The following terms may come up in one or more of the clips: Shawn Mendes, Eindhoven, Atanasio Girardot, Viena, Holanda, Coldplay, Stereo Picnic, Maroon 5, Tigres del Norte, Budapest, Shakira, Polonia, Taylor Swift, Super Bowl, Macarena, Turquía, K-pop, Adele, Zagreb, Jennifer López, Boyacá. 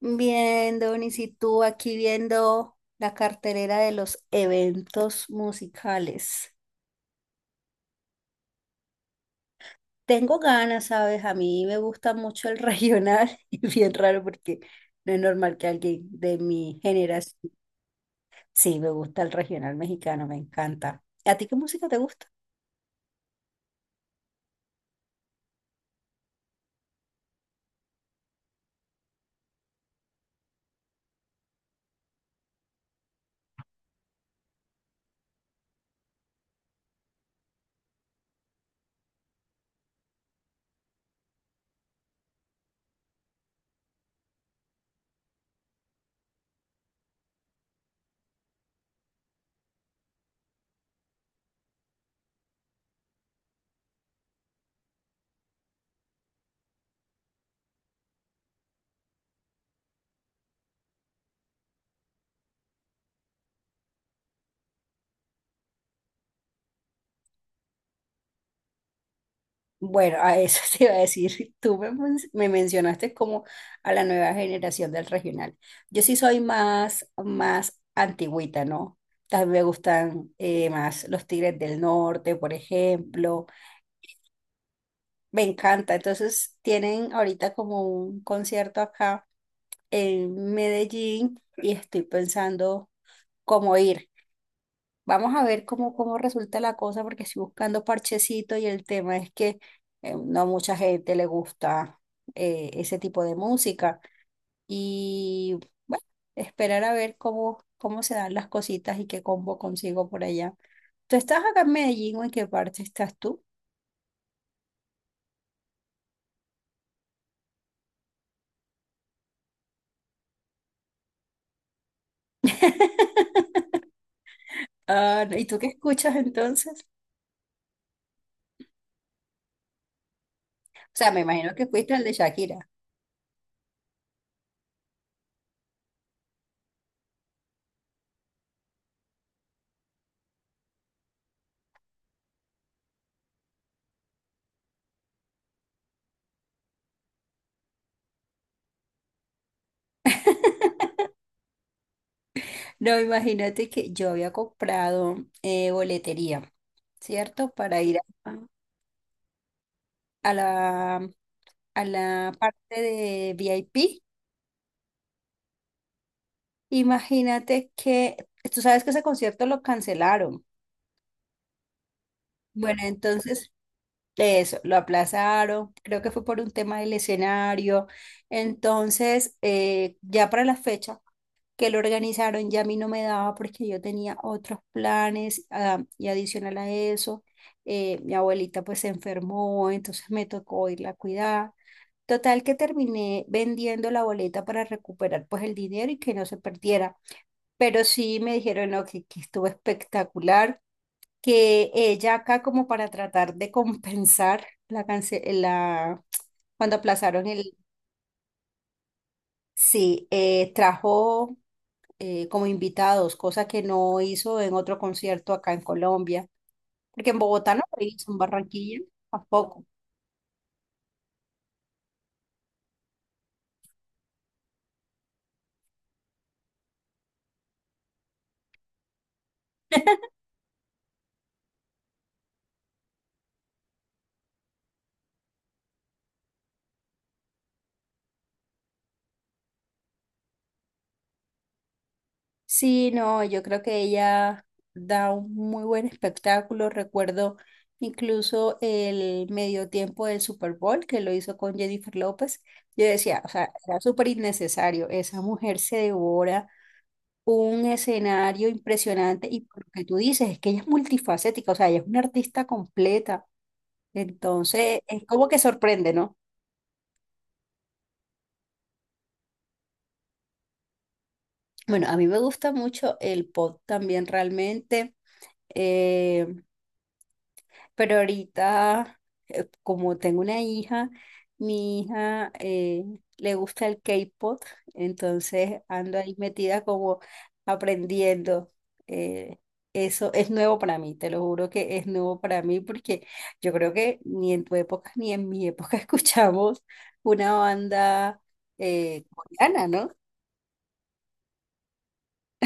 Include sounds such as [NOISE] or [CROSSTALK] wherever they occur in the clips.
Bien, Donis, y tú aquí viendo la cartelera de los eventos musicales. Tengo ganas, ¿sabes? A mí me gusta mucho el regional [LAUGHS] y bien raro porque no es normal que alguien de mi generación. Sí, me gusta el regional mexicano, me encanta. ¿A ti qué música te gusta? Bueno, a eso [LAUGHS] te iba a decir, me mencionaste como a la nueva generación del regional. Yo sí soy más antigüita, ¿no? También me gustan más los Tigres del Norte, por ejemplo. Me encanta. Entonces, tienen ahorita como un concierto acá en Medellín y estoy pensando cómo ir. Vamos a ver cómo resulta la cosa, porque estoy buscando parchecito y el tema es que no a mucha gente le gusta ese tipo de música. Y bueno, esperar a ver cómo se dan las cositas y qué combo consigo por allá. ¿Tú estás acá en Medellín o en qué parte estás tú? [LAUGHS] Ah, no, ¿y tú qué escuchas entonces? O sea, me imagino que fuiste al de Shakira. No, imagínate que yo había comprado boletería, ¿cierto? Para ir a, a la a la parte de VIP. Imagínate que, tú sabes que ese concierto lo cancelaron. Bueno, entonces, de eso, lo aplazaron, creo que fue por un tema del escenario. Entonces, ya para la fecha que lo organizaron, ya a mí no me daba porque yo tenía otros planes, ah, y adicional a eso, mi abuelita pues se enfermó, entonces me tocó irla a cuidar. Total que terminé vendiendo la boleta para recuperar pues el dinero y que no se perdiera. Pero sí me dijeron no, que estuvo espectacular, que ella acá como para tratar de compensar la cance- la cuando aplazaron el sí, trajo como invitados, cosa que no hizo en otro concierto acá en Colombia, porque en Bogotá no lo hizo, en Barranquilla tampoco. Sí, no, yo creo que ella da un muy buen espectáculo. Recuerdo incluso el medio tiempo del Super Bowl que lo hizo con Jennifer López. Yo decía, o sea, era súper innecesario. Esa mujer se devora un escenario impresionante y por lo que tú dices es que ella es multifacética, o sea, ella es una artista completa. Entonces, es como que sorprende, ¿no? Bueno, a mí me gusta mucho el pop también realmente. eh, Pero ahorita, como tengo una hija, mi hija le gusta el K-pop, entonces ando ahí metida como aprendiendo. eh, Eso es nuevo para mí, te lo juro que es nuevo para mí porque yo creo que ni en tu época ni en mi época [LAUGHS] escuchamos una banda coreana, ¿no?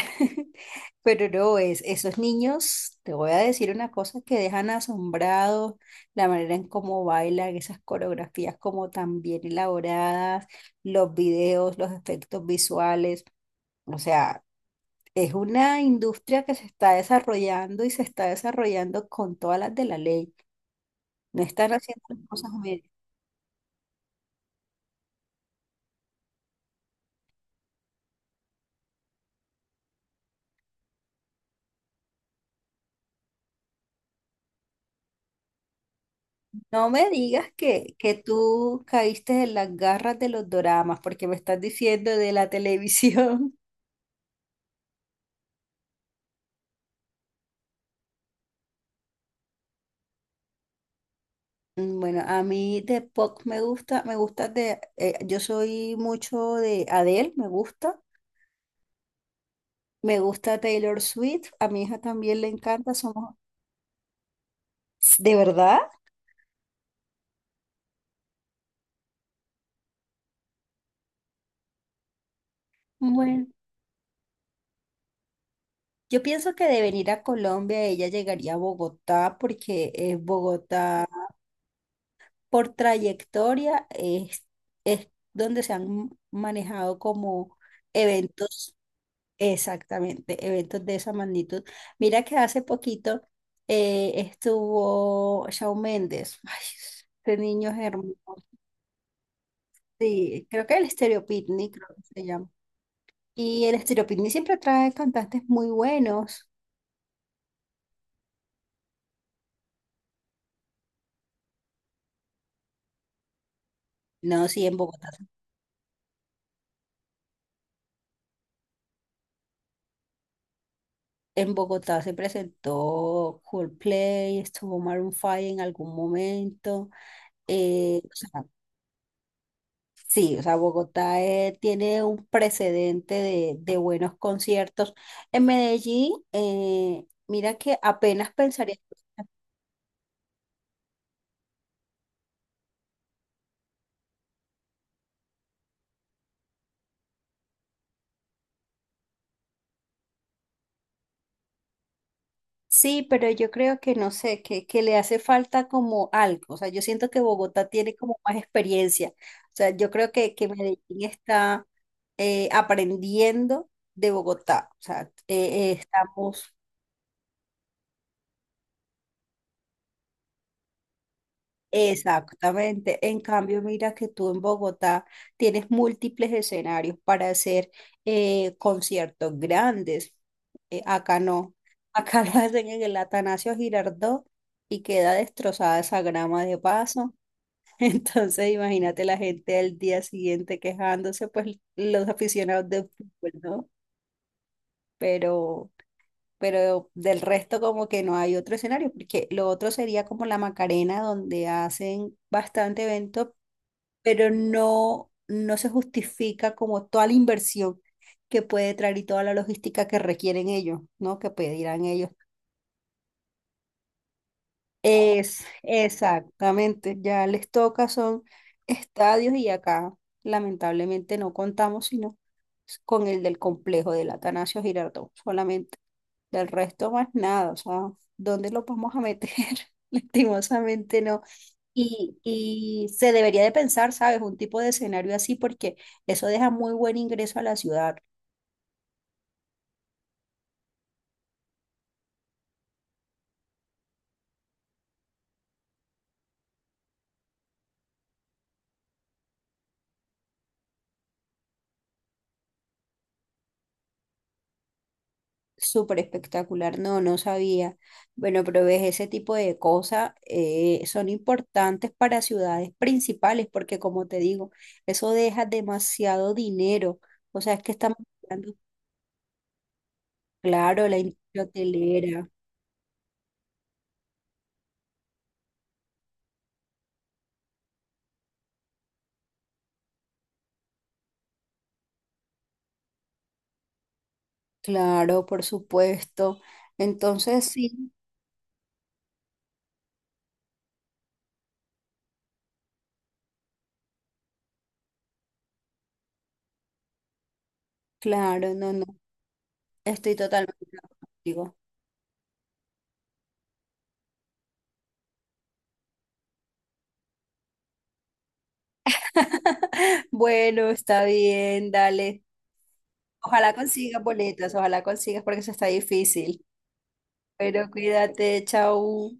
[LAUGHS] Pero no, es, esos niños, te voy a decir una cosa que dejan asombrados, la manera en cómo bailan, esas coreografías como tan bien elaboradas, los videos, los efectos visuales. O sea, es una industria que se está desarrollando y se está desarrollando con todas las de la ley. No están haciendo las cosas a. No me digas que tú caíste en las garras de los doramas, porque me estás diciendo de la [LAUGHS] televisión. Mm, bueno, a mí de pop me gusta de, yo soy mucho de Adele, me gusta Taylor Swift, a mi hija también le encanta, somos, ¿de verdad? Bueno, yo pienso que de venir a Colombia ella llegaría a Bogotá porque Bogotá por trayectoria es donde se han manejado como eventos. Exactamente, eventos de esa magnitud. Mira que hace poquito estuvo Shawn Mendes. Ay, este niño es hermoso. Sí, creo que el Stereo Picnic, creo que se llama. Y el Stereo Picnic siempre trae cantantes muy buenos. No, sí, en Bogotá. En Bogotá se presentó Coldplay, estuvo Maroon 5 en algún momento. Eh, Sí, o sea, Bogotá tiene un precedente de buenos conciertos. En Medellín, mira que apenas pensaría, sí, pero yo creo que no sé, que le hace falta como algo. O sea, yo siento que Bogotá tiene como más experiencia. O sea, yo creo que Medellín está aprendiendo de Bogotá. O sea, estamos. Exactamente. En cambio, mira que tú en Bogotá tienes múltiples escenarios para hacer conciertos grandes. Acá no. Acá [LAUGHS] lo hacen en el Atanasio Girardot y queda destrozada esa grama de paso. [LAUGHS] Entonces, imagínate la gente al día siguiente quejándose, pues los aficionados de fútbol, ¿no? Pero, pero del resto como que no hay otro escenario, porque lo otro sería como la Macarena, donde hacen bastante evento, pero no, no se justifica como toda la inversión que puede traer y toda la logística que requieren ellos, ¿no? Que pedirán ellos. Es exactamente, ya les toca, son estadios y acá lamentablemente no contamos sino con el del complejo del Atanasio Girardot, solamente. Del resto más nada, o sea, ¿dónde lo vamos a meter? [LAUGHS] Lastimosamente no. Y se debería de pensar, ¿sabes? Un tipo de escenario así porque eso deja muy buen ingreso a la ciudad. Súper espectacular, no, no sabía. Bueno, pero ves, ese tipo de cosas son importantes para ciudades principales porque como te digo, eso deja demasiado dinero. O sea, es que estamos hablando, claro, la industria hotelera. Claro, por supuesto. Entonces, sí, claro, no, no, estoy totalmente de acuerdo contigo. [LAUGHS] Bueno, está bien, dale. Ojalá consigas boletas, ojalá consigas porque eso está difícil. Pero cuídate, chao.